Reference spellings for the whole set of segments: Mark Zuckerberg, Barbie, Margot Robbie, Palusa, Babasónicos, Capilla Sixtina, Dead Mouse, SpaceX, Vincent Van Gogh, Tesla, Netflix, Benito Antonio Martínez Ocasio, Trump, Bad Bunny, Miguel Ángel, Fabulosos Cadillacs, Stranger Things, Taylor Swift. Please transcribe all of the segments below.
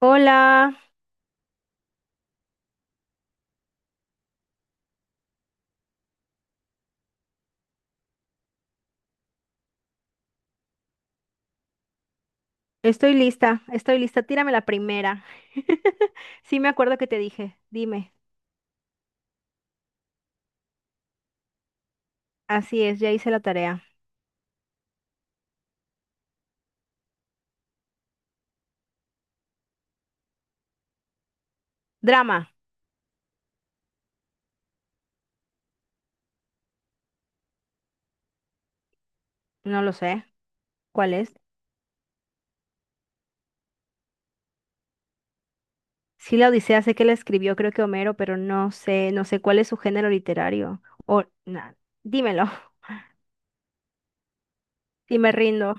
Hola, estoy lista, estoy lista. Tírame la primera. Sí, me acuerdo que te dije. Dime. Así es, ya hice la tarea. Drama. No lo sé. ¿Cuál es? Sí, la Odisea sé que la escribió, creo que Homero, pero no sé, no sé cuál es su género literario. O, nada. Dímelo. Y me rindo.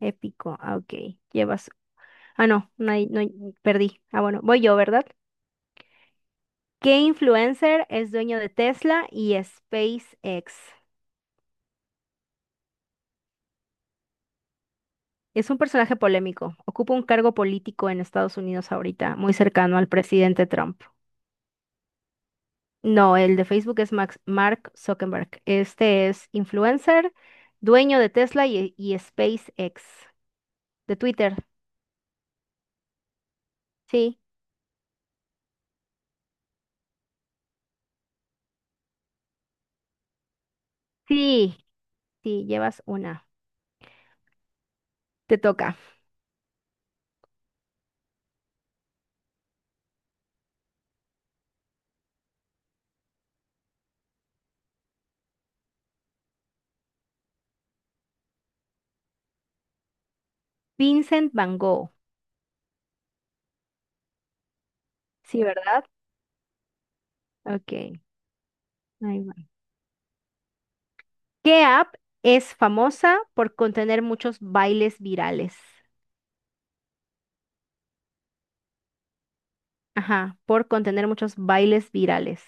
Épico. Ah, ok. Llevas. Ah, no, no hay, perdí. Ah, bueno, voy yo, ¿verdad? ¿Qué influencer es dueño de Tesla y SpaceX? Es un personaje polémico. Ocupa un cargo político en Estados Unidos ahorita, muy cercano al presidente Trump. No, el de Facebook es Mark Zuckerberg. Este es influencer, dueño de Tesla y SpaceX. De Twitter. Sí, sí, sí, llevas una. Te toca. Vincent Van Gogh. Sí, ¿verdad? Ok. Ahí va. ¿Qué app es famosa por contener muchos bailes virales? Ajá, por contener muchos bailes virales.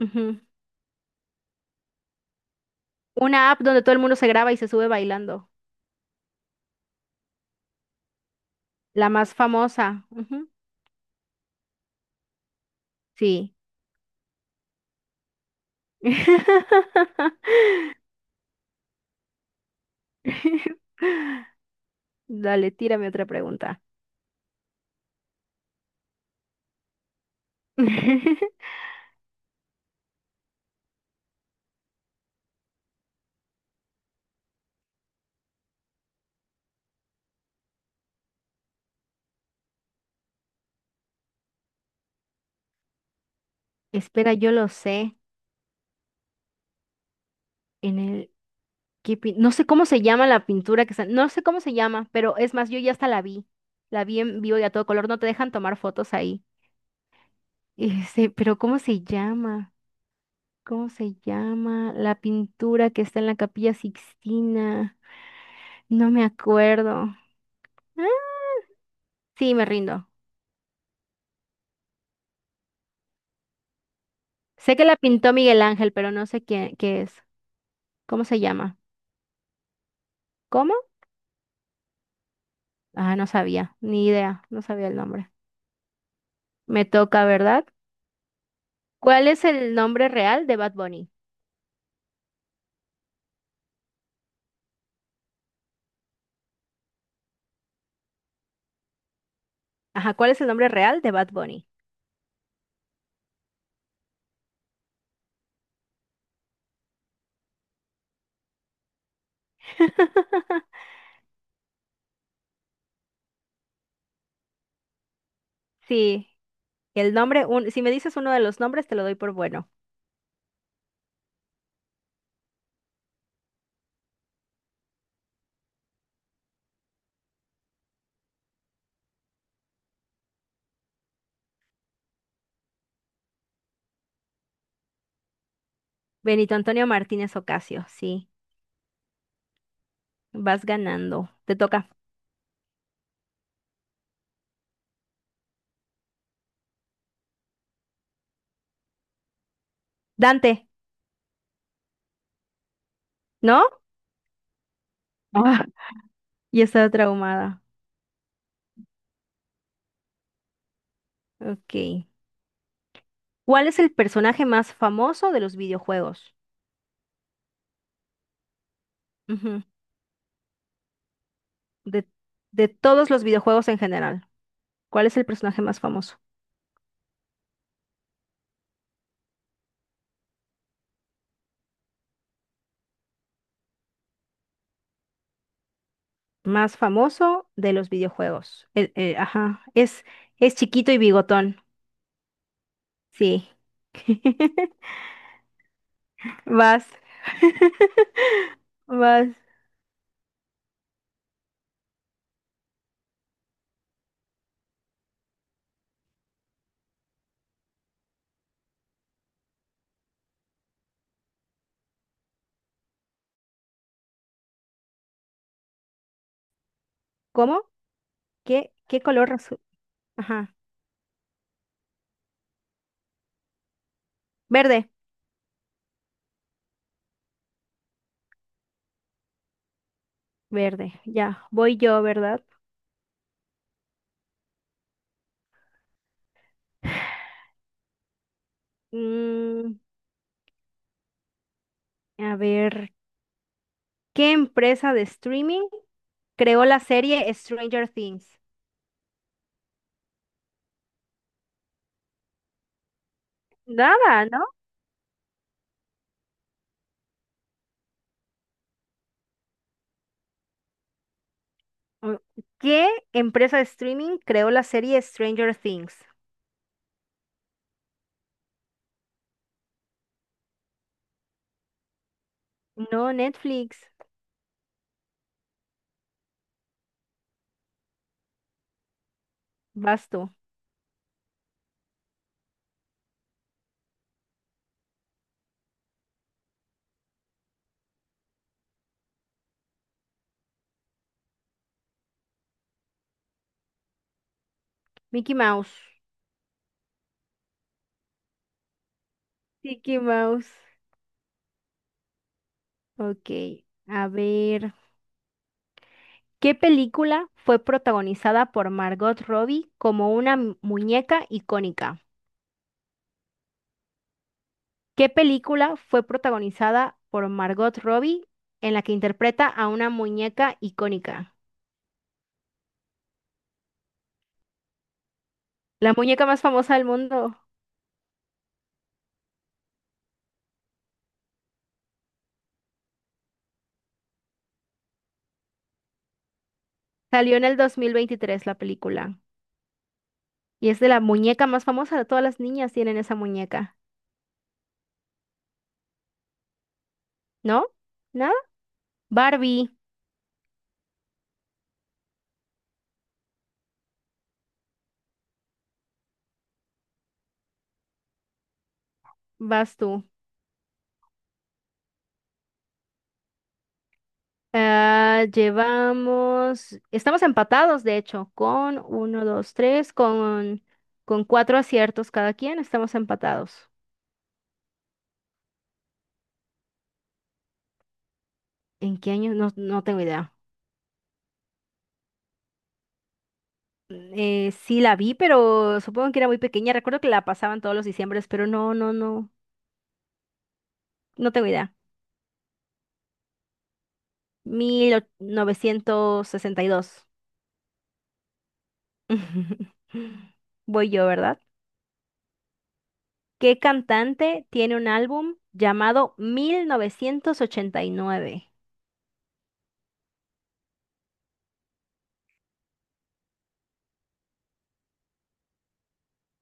Ujú. Una app donde todo el mundo se graba y se sube bailando. La más famosa. Ujú. Sí. Dale, tírame otra pregunta. Espera, yo lo sé. En el ¿qué pin- No sé cómo se llama la pintura que está. No sé cómo se llama, pero es más, yo ya hasta la vi. La vi en vivo y a todo color. No te dejan tomar fotos ahí. Este, pero ¿cómo se llama? ¿Cómo se llama la pintura que está en la Capilla Sixtina? No me acuerdo. Sí, me rindo. Sé que la pintó Miguel Ángel, pero no sé qué es. ¿Cómo se llama? ¿Cómo? Ah, no sabía, ni idea, no sabía el nombre. Me toca, ¿verdad? ¿Cuál es el nombre real de Bad Bunny? Ajá, ¿cuál es el nombre real de Bad Bunny? Sí, el nombre, si me dices uno de los nombres, te lo doy por bueno. Benito Antonio Martínez Ocasio, sí, vas ganando. Te toca. Dante, ¿no? Ah, ya estaba traumada. Ok. ¿Cuál es el personaje más famoso de los videojuegos? Ujú. De, de todos los videojuegos en general, ¿cuál es el personaje más famoso? Más famoso de los videojuegos. Ajá, es chiquito y bigotón. Sí. Vas. Vas. ¿Cómo? ¿Qué color azul? Ajá. Verde. Verde. Ya. Voy yo, ¿verdad? Mm, a ver. ¿Qué empresa de streaming creó la serie Stranger Things? Nada, ¿no? Mm, ¿Qué empresa de streaming creó la serie Stranger Things? No, Netflix. Basto. Mickey Mouse. Mickey Mouse. Ok, a ver. ¿Qué película fue protagonizada por Margot Robbie como una muñeca icónica? ¿Qué película fue protagonizada por Margot Robbie en la que interpreta a una muñeca icónica? La muñeca más famosa del mundo. Salió en el 2023 la película. Y es de la muñeca más famosa, todas las niñas tienen esa muñeca, ¿no? ¿Nada? Barbie, vas tú. Ah, llevamos, estamos empatados, de hecho, con uno, dos, tres, con cuatro aciertos cada quien, estamos empatados. ¿En qué año? No, no tengo idea. Sí la vi, pero supongo que era muy pequeña. Recuerdo que la pasaban todos los diciembres, pero no, no, no, no tengo idea. 1962. Voy yo, ¿verdad? ¿Qué cantante tiene un álbum llamado 1989?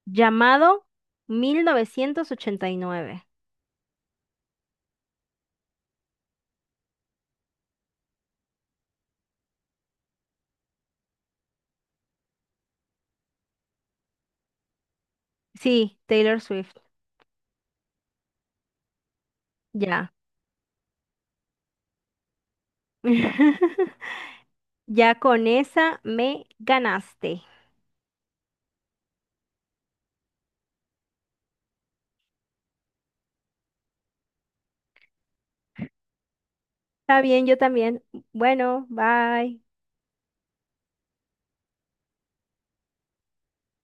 Llamado 1989. Sí, Taylor Swift. Ya. Ya con esa me ganaste. Está bien, yo también. Bueno, bye.